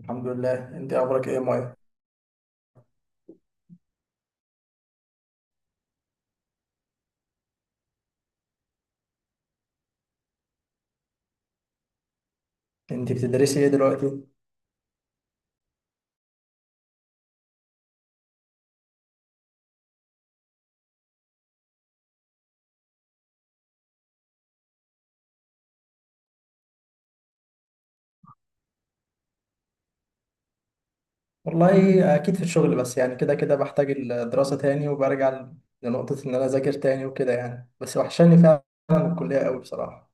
الحمد لله. انت اخبارك ايه يا مايا؟ انت بتدرسي ايه دلوقتي؟ والله، اكيد في الشغل، بس يعني كده كده بحتاج الدراسة تاني، وبرجع لنقطة ان انا اذاكر تاني وكده، يعني بس وحشاني فعلا الكلية قوي بصراحة.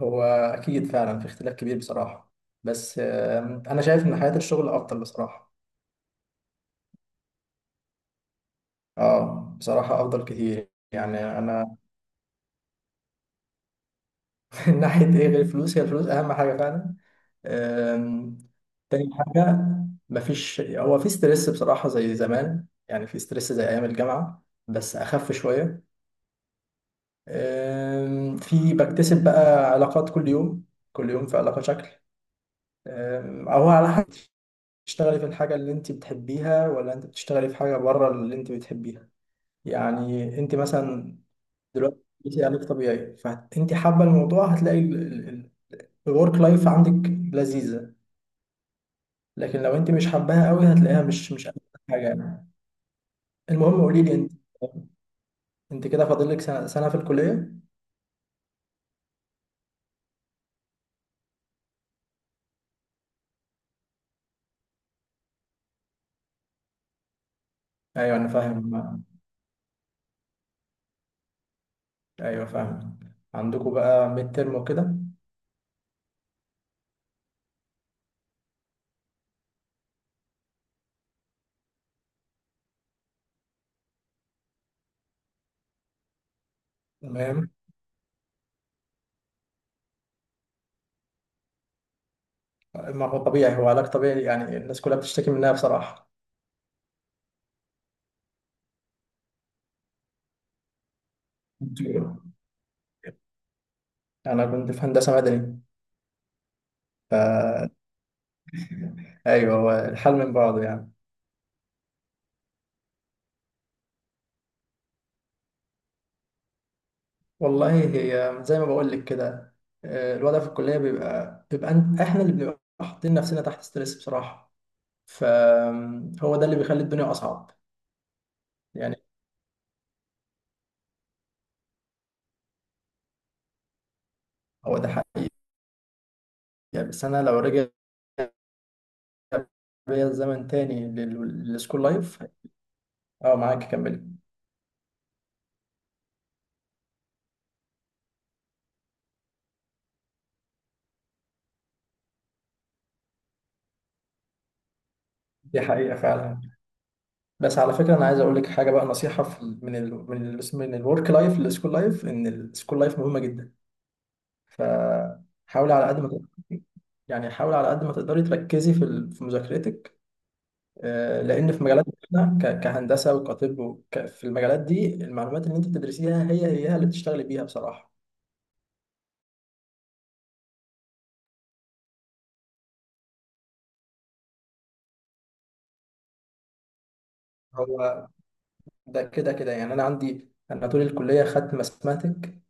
هو اكيد فعلا في اختلاف كبير بصراحة، بس انا شايف ان حياة الشغل افضل بصراحة. اه بصراحة افضل كتير، يعني انا من ناحية ايه غير الفلوس؟ هي الفلوس اهم حاجة فعلا. آم، تاني حاجة، مفيش هو في ستريس بصراحة زي زمان، يعني في ستريس زي ايام الجامعة بس اخف شوية. في بكتسب بقى علاقات كل يوم، كل يوم في علاقة شكل. أو على حسب بتشتغلي في الحاجة اللي أنت بتحبيها، ولا أنت بتشتغلي في حاجة بره اللي أنت بتحبيها. يعني أنت مثلا دلوقتي بتدرسي علاج طبيعي، فأنت حابة الموضوع هتلاقي الورك لايف عندك لذيذة. لكن لو أنت مش حباها قوي هتلاقيها مش أحسن حاجة يعني. المهم قولي لي أنت كده فاضل لك سنة في الكلية؟ أيوه أنا فاهم. أيوه فاهم. عندكم بقى ميد ترم وكده؟ تمام. ما هو طبيعي، هو علاج طبيعي يعني، الناس كلها بتشتكي منها بصراحة دكتور. أنا كنت في هندسة مدني. فا أيوه، هو الحل من بعضه يعني. والله هي زي ما بقول لك كده، الوضع في الكلية بيبقى إحنا اللي بنبقى حاطين نفسنا تحت ستريس بصراحة، فهو ده اللي بيخلي الدنيا أصعب، يعني هو ده حقيقي. بس أنا لو رجع بيا الزمن تاني للسكول لايف. أه، معاك كملي. دي حقيقة فعلا. بس على فكره انا عايز اقول لك حاجه بقى، نصيحه في ال- من ال من ال من الورك لايف للسكول لايف، ان السكول لايف مهمه جدا، فحاولي على قد ما تقدر. يعني حاولي على قد ما تقدري تركزي في مذاكرتك. لان في مجالات، احنا كهندسه وكطب في المجالات دي المعلومات اللي انت بتدرسيها هي هي اللي بتشتغلي بيها بصراحه. هو ده كده كده يعني، انا طول الكليه خدت ماثماتيك.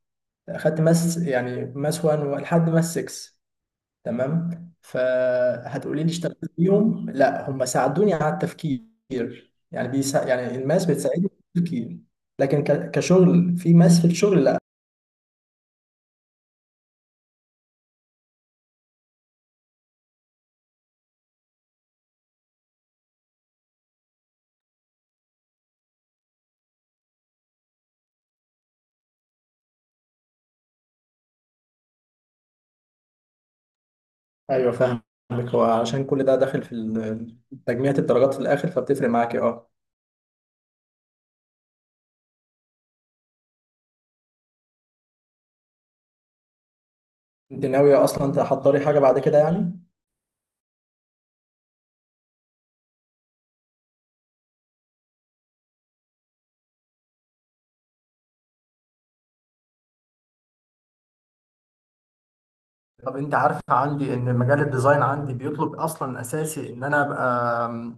خدت ماس، يعني ماس 1 لحد ماس 6. تمام، فهتقولي لي اشتغلت بيهم؟ لا، هم ساعدوني على التفكير. يعني الماس بتساعدني في التفكير. لكن كشغل، في ماس في الشغل لا. ايوه فاهمك. هو عشان كل ده داخل تجميع الدرجات في الاخر، فبتفرق معاكي اه. انت ناويه اصلا تحضري حاجه بعد كده يعني؟ طب انت عارف عندي ان مجال الديزاين عندي بيطلب اصلا، اساسي ان انا ابقى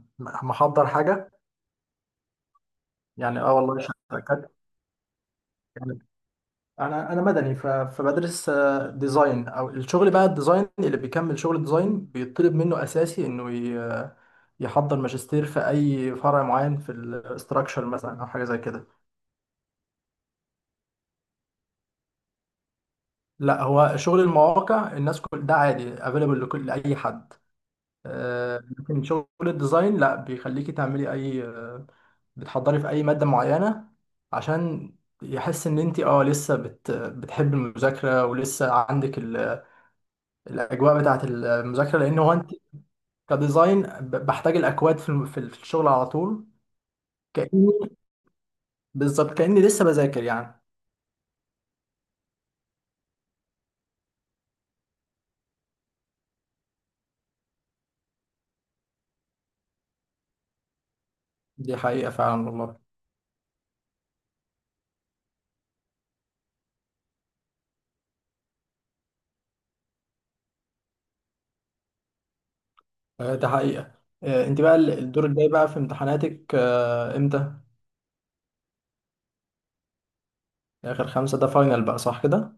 محضر حاجه. يعني اه والله، شركات، انا مدني، فبدرس ديزاين، او الشغل بقى، الديزاين اللي بيكمل شغل الديزاين بيطلب منه اساسي انه يحضر ماجستير في اي فرع معين في الاستراكشر مثلا او حاجه زي كده. لا، هو شغل المواقع الناس كل ده عادي افيلبل لكل لاي حد. لكن شغل الديزاين لا، بيخليكي تعملي اي، بتحضري في اي ماده معينه، عشان يحس ان انت لسه بتحب المذاكره، ولسه عندك الاجواء بتاعه المذاكره، لان هو انت كديزاين بحتاج الاكواد في الم- في ال- في الشغل على طول. كاني، بالظبط كاني لسه بذاكر يعني. دي حقيقه فعلا والله. ده حقيقه. انت بقى الدور الجاي بقى في امتحاناتك امتى؟ اخر خمسه ده فاينل بقى صح كده؟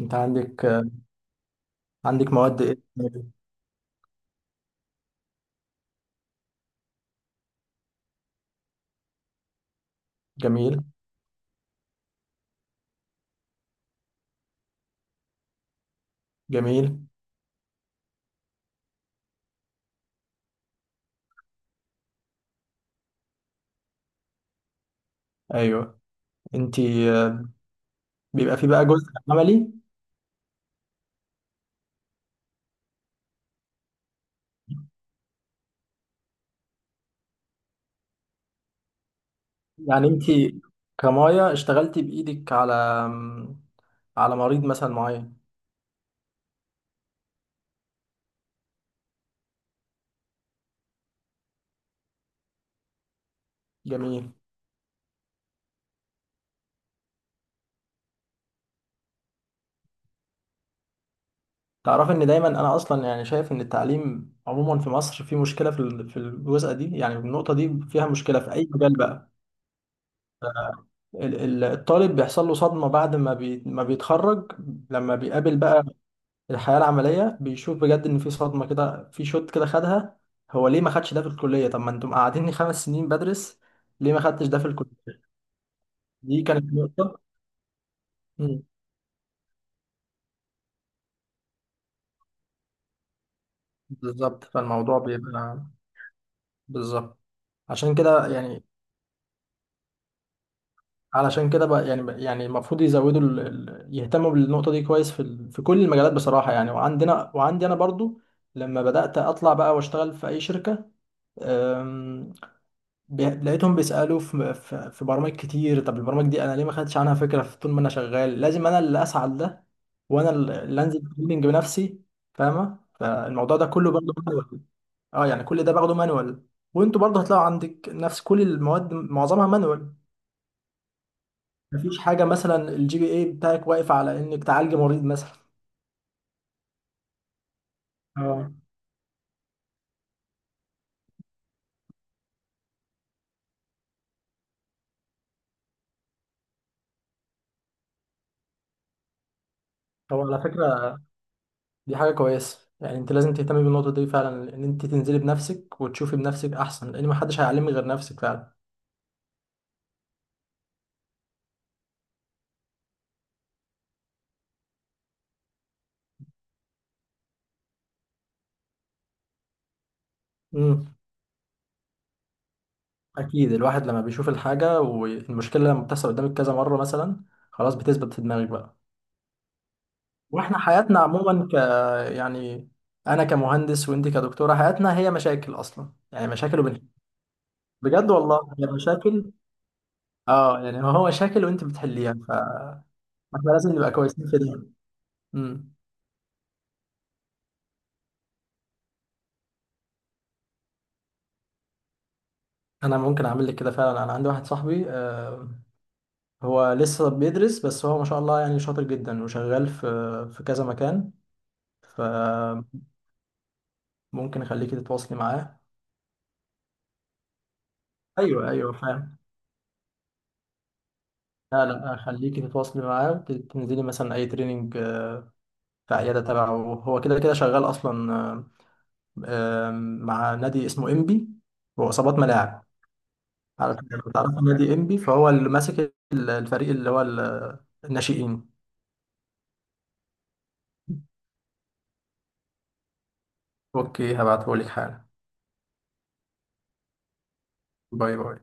انت عندك آه، عندك مواد ايه؟ جميل. جميل. ايوه، انت آه، بيبقى في بقى جزء عملي؟ يعني انت كمايا اشتغلتي بايدك على مريض مثلا معين؟ جميل. تعرف ان دايما انا اصلا يعني شايف ان التعليم عموما في مصر فيه مشكله في الجزء دي، يعني النقطه دي فيها مشكله في اي مجال بقى. الطالب بيحصل له صدمه بعد ما بي ما بيتخرج، لما بيقابل بقى الحياه العمليه، بيشوف بجد ان في صدمه كده، في شوت كده خدها. هو ليه ما خدش ده في الكليه؟ طب ما انتم قاعديني خمس سنين بدرس، ليه ما خدتش ده في الكليه؟ دي كانت نقطه. مم. بالظبط، فالموضوع بيبقى بالظبط. عشان كده يعني، علشان كده بقى يعني، المفروض يهتموا بالنقطة دي كويس في كل المجالات بصراحة يعني. وعندي أنا برضو لما بدأت أطلع بقى وأشتغل في أي شركة، أم... لقيتهم بيسألوا في برامج كتير. طب البرامج دي أنا ليه ما خدتش عنها فكرة؟ في طول ما أنا شغال لازم أنا اللي أسعى لده، وأنا اللي أنزل تريننج بنفسي. فاهمة، فالموضوع ده كله برضه مانوال. أه، يعني كل ده باخده مانوال. وأنتوا برضه هتلاقوا عندك نفس، كل المواد معظمها مانوال. مفيش حاجه مثلا الجي بي اي بتاعك واقف على انك تعالج مريض مثلا. اه. هو على فكره، دي حاجه كويسه. يعني انت لازم تهتمي بالنقطه دي فعلا، ان انت تنزلي بنفسك وتشوفي بنفسك احسن، لان محدش هيعلمك غير نفسك فعلا. امم. اكيد الواحد لما بيشوف الحاجه والمشكله لما بتحصل قدامك كذا مره مثلا، خلاص بتثبت في دماغك بقى. واحنا حياتنا عموما يعني، انا كمهندس وانت كدكتوره، حياتنا هي مشاكل اصلا، يعني مشاكل وبنحل. بجد والله، هي مشاكل. اه يعني هو مشاكل وانت بتحليها. احنا لازم نبقى كويسين في ده. امم. انا ممكن اعمل لك كده فعلا. انا عندي واحد صاحبي، هو لسه بيدرس، بس هو ما شاء الله يعني شاطر جدا، وشغال في كذا مكان، فممكن اخليكي تتواصلي معاه. ايوه ايوه فاهم. لا، لا اخليكي تتواصلي معاه، وتنزلي مثلا اي تريننج في عياده تبعه. هو كده كده شغال اصلا، آه، مع نادي اسمه انبي، واصابات ملاعب. عارف؟ تعرف نادي انبي؟ فهو اللي ماسك الفريق اللي هو الناشئين. اوكي، هبعتهولك حالا. باي باي.